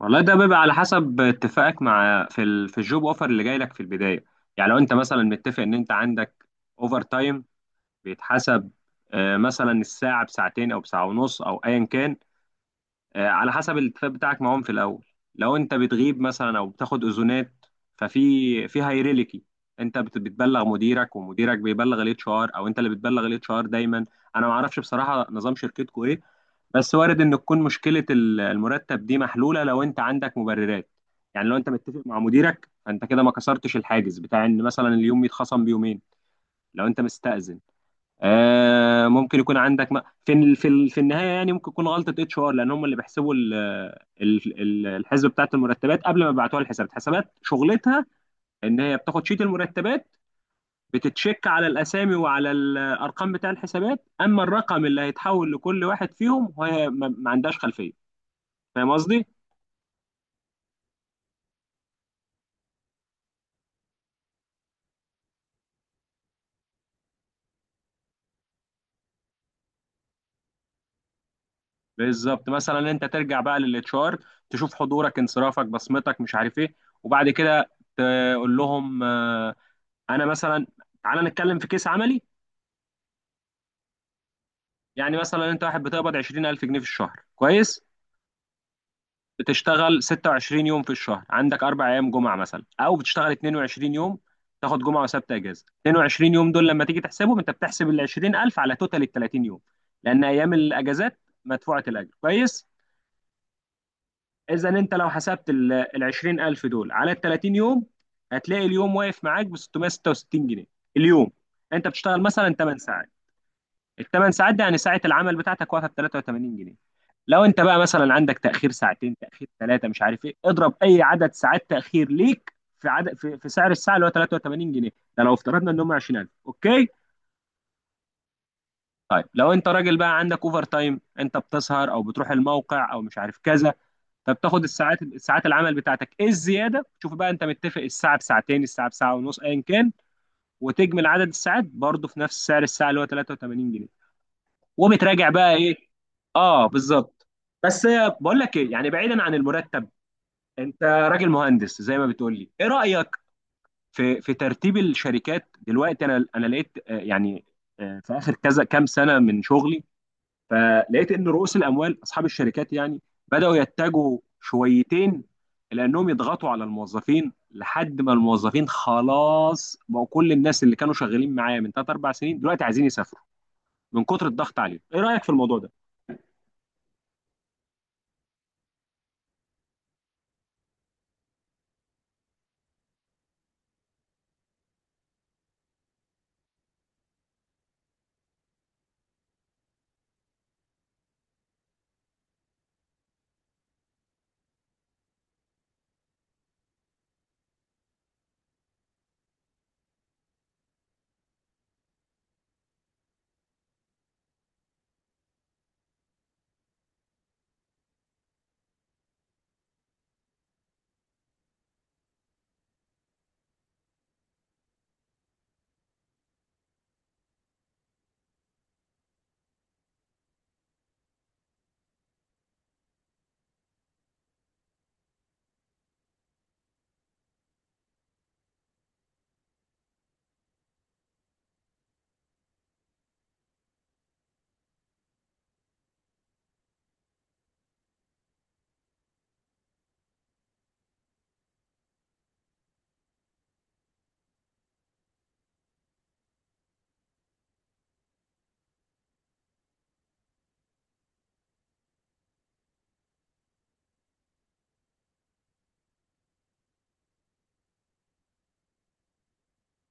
والله ده بيبقى على حسب اتفاقك في الجوب اوفر اللي جاي لك في البدايه. يعني لو انت مثلا متفق ان انت عندك اوفر تايم بيتحسب، مثلا الساعه بساعتين او بساعه ونص او ايا كان. على حسب الاتفاق بتاعك معاهم في الاول. لو انت بتغيب مثلا او بتاخد اذونات ففي في هيراركي، انت بتبلغ مديرك ومديرك بيبلغ الاتش ار، او انت اللي بتبلغ الاتش ار دايما. انا ما اعرفش بصراحه نظام شركتكم، بس وارد ان تكون مشكله المرتب دي محلوله لو انت عندك مبررات. يعني لو انت متفق مع مديرك فانت كده ما كسرتش الحاجز بتاع ان مثلا اليوم يتخصم بيومين. لو انت مستأذن آه ممكن يكون عندك م... في ال- في ال- في النهايه، يعني ممكن يكون غلطه اتش ار، لان هم اللي بيحسبوا الحسبه بتاعت المرتبات قبل ما يبعتوها للحسابات. حسابات شغلتها ان هي بتاخد شيت المرتبات، بتتشك على الاسامي وعلى الارقام بتاع الحسابات، اما الرقم اللي هيتحول لكل واحد فيهم، وهي ما عندهاش خلفيه. فاهم قصدي؟ بالظبط. مثلا انت ترجع بقى للاتش ار، تشوف حضورك انصرافك بصمتك مش عارف ايه، وبعد كده تقول لهم انا مثلا. تعالى نتكلم في كيس عملي. يعني مثلا انت واحد بتقبض 20000 جنيه في الشهر، كويس؟ بتشتغل 26 يوم في الشهر، عندك اربع ايام جمعه مثلا، او بتشتغل 22 يوم، تاخد جمعه وسبت اجازه. 22 يوم دول لما تيجي تحسبهم، انت بتحسب ال 20000 على توتال ال 30 يوم، لان ايام الاجازات مدفوعه الاجر، كويس؟ اذا انت لو حسبت ال 20000 دول على ال 30 يوم، هتلاقي اليوم واقف معاك ب 666 جنيه اليوم. انت بتشتغل مثلا 8 ساعات. ال 8 ساعات دي يعني ساعه العمل بتاعتك واقفه ب 83 جنيه. لو انت بقى مثلا عندك تاخير ساعتين، تاخير ثلاثه، مش عارف ايه، اضرب اي عدد ساعات تاخير ليك في عدد في سعر الساعه اللي هو 83 جنيه. ده لو افترضنا ان هم 20000. اوكي؟ طيب لو انت راجل بقى عندك اوفر تايم، انت بتسهر او بتروح الموقع او مش عارف كذا، فبتاخد الساعات، ساعات العمل بتاعتك ايه الزياده، شوف بقى انت متفق الساعه بساعتين، الساعه بساعه ونص، ايا كان، وتجمل عدد الساعات برضه في نفس سعر الساعه اللي هو 83 جنيه، وبتراجع بقى ايه. اه بالظبط. بس بقول لك ايه، يعني بعيدا عن المرتب، انت راجل مهندس زي ما بتقول لي، ايه رايك في ترتيب الشركات دلوقتي؟ انا لقيت في اخر كذا كام سنه من شغلي، فلقيت ان رؤوس الاموال اصحاب الشركات يعني بداوا يتجهوا شويتين، لانهم يضغطوا على الموظفين لحد ما الموظفين خلاص بقوا. كل الناس اللي كانوا شغالين معايا من 3 4 سنين دلوقتي عايزين يسافروا من كتر الضغط عليهم. ايه رايك في الموضوع ده؟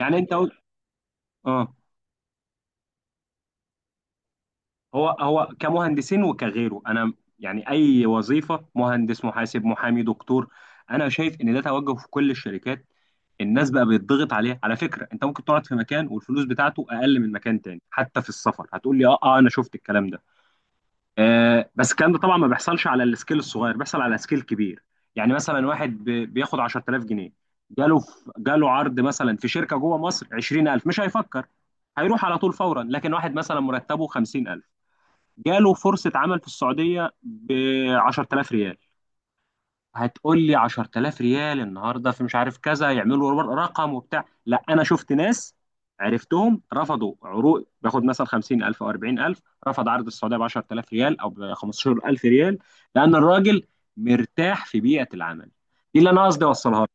يعني انت قلت اه. هو كمهندسين وكغيره، انا يعني اي وظيفه، مهندس محاسب محامي دكتور، انا شايف ان ده توجه في كل الشركات. الناس بقى بيتضغط عليها. على فكره انت ممكن تقعد في مكان والفلوس بتاعته اقل من مكان تاني، حتى في السفر. هتقول لي اه اه انا شفت الكلام ده. آه بس الكلام ده طبعا ما بيحصلش على السكيل الصغير، بيحصل على سكيل كبير. يعني مثلا واحد بياخد 10000 جنيه، جاله عرض مثلا في شركه جوه مصر 20000، مش هيفكر، هيروح على طول فورا. لكن واحد مثلا مرتبه 50000 جاله فرصة عمل في السعودية ب 10000 ريال، هتقول لي 10000 ريال النهارده في مش عارف كذا يعملوا رقم وبتاع، لا انا شفت ناس عرفتهم رفضوا عروض، باخد مثلا 50000 او 40000، رفض عرض السعودية ب 10000 ريال او ب 15000 ريال، لان الراجل مرتاح في بيئة العمل. دي اللي انا قصدي اوصلها لك.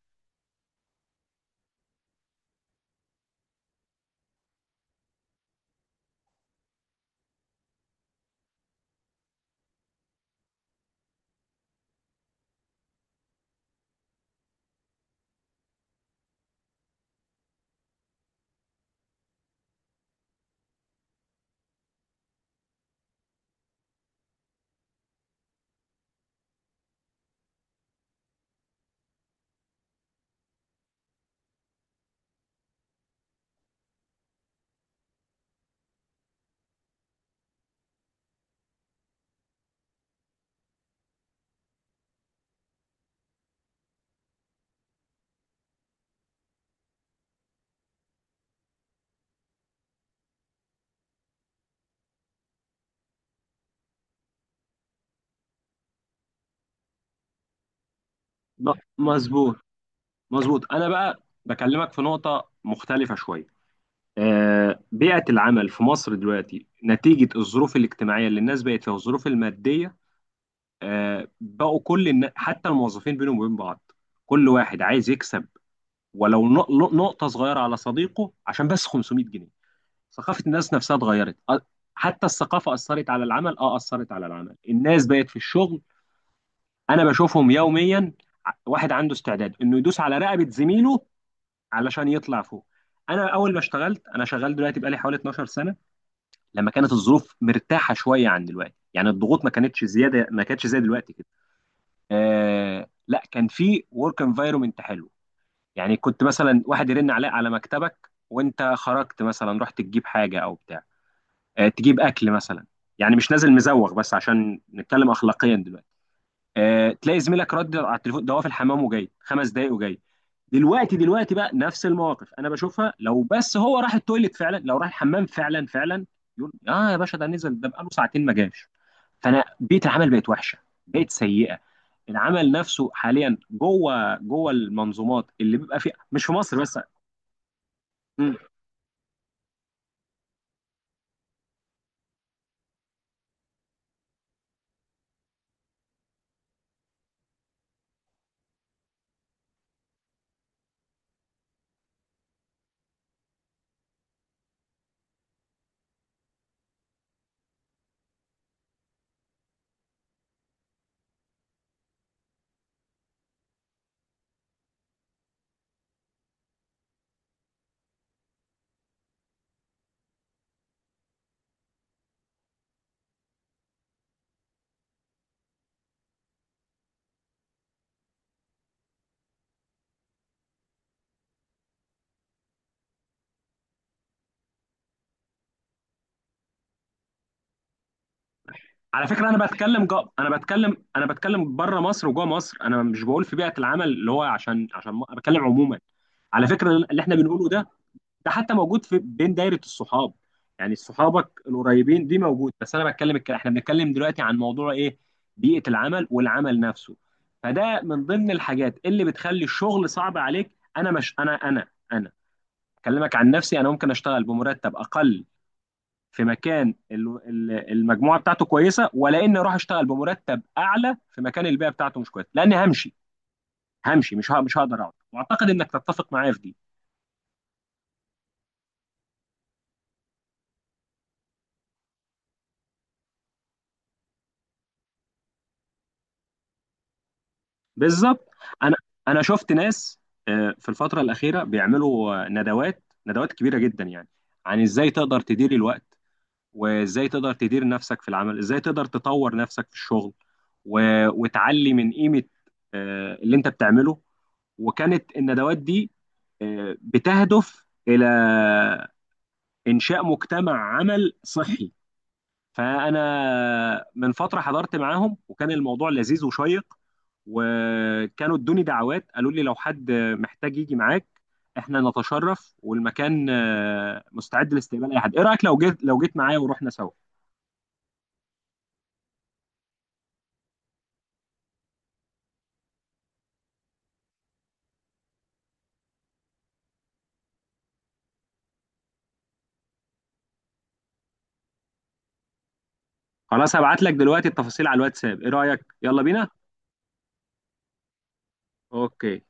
مظبوط، مظبوط. انا بقى بكلمك في نقطة مختلفة شوية. بيئة العمل في مصر دلوقتي نتيجة الظروف الاجتماعية اللي الناس بقت فيها والظروف المادية، بقوا حتى الموظفين بينهم وبين بعض كل واحد عايز يكسب، ولو نقطة صغيرة على صديقه عشان بس 500 جنيه. ثقافة الناس نفسها اتغيرت. حتى الثقافة أثرت على العمل، اه أثرت على العمل. الناس بقت في الشغل، أنا بشوفهم يوميا. واحد عنده استعداد إنه يدوس على رقبة زميله علشان يطلع فوق. أنا أول ما اشتغلت، أنا شغال دلوقتي بقالي حوالي 12 سنة، لما كانت الظروف مرتاحه شويه عن دلوقتي، يعني الضغوط ما كانتش زياده، ما كانتش زي دلوقتي كده. آه لا، كان في ورك انفايرمنت حلو. يعني كنت مثلا واحد يرن عليك على مكتبك وانت خرجت مثلا رحت تجيب حاجه او بتاع، آه تجيب اكل مثلا، يعني مش نازل مزوغ. بس عشان نتكلم اخلاقيا دلوقتي، تلاقي زميلك رد على التليفون، ده هو في الحمام وجاي خمس دقايق وجاي. دلوقتي بقى نفس المواقف انا بشوفها، لو بس هو راح التويليت فعلا، لو راح الحمام فعلا فعلا، يقول اه يا باشا ده نزل ده بقاله ساعتين ما جاش. فانا بيئه العمل بقت وحشه، بقت سيئه. العمل نفسه حاليا جوه المنظومات اللي بيبقى فيها، مش في مصر بس. مم. على فكره انا بتكلم جو... انا بتكلم انا بتكلم بره مصر وجوه مصر، انا مش بقول في بيئه العمل اللي هو أنا بتكلم عموما. على فكره اللي احنا بنقوله ده، ده حتى موجود في بين دايرة الصحاب، يعني صحابك القريبين دي موجود. بس انا بتكلم احنا بنتكلم دلوقتي عن موضوع ايه؟ بيئة العمل والعمل نفسه. فده من ضمن الحاجات اللي بتخلي الشغل صعب عليك. انا مش انا انا انا اكلمك عن نفسي، انا ممكن اشتغل بمرتب اقل في مكان المجموعة بتاعته كويسة، ولا اني اروح اشتغل بمرتب اعلى في مكان البيئة بتاعته مش كويسة، لاني همشي، همشي مش مش هقدر اقعد. واعتقد انك تتفق معايا في دي. بالظبط. انا انا شفت ناس في الفتره الاخيره بيعملوا ندوات كبيره جدا، يعني عن ازاي تقدر تدير الوقت، وازاي تقدر تدير نفسك في العمل، ازاي تقدر تطور نفسك في الشغل، وتعلي من قيمه اللي انت بتعمله. وكانت الندوات دي بتهدف الى انشاء مجتمع عمل صحي. فانا من فتره حضرت معاهم وكان الموضوع لذيذ وشيق، وكانوا ادوني دعوات، قالوا لي لو حد محتاج يجي معاك احنا نتشرف، والمكان مستعد لاستقبال اي حد. ايه رايك لو جيت معايا ورحنا سوا؟ خلاص هبعت لك دلوقتي التفاصيل على الواتساب. ايه رايك؟ يلا بينا. اوكي.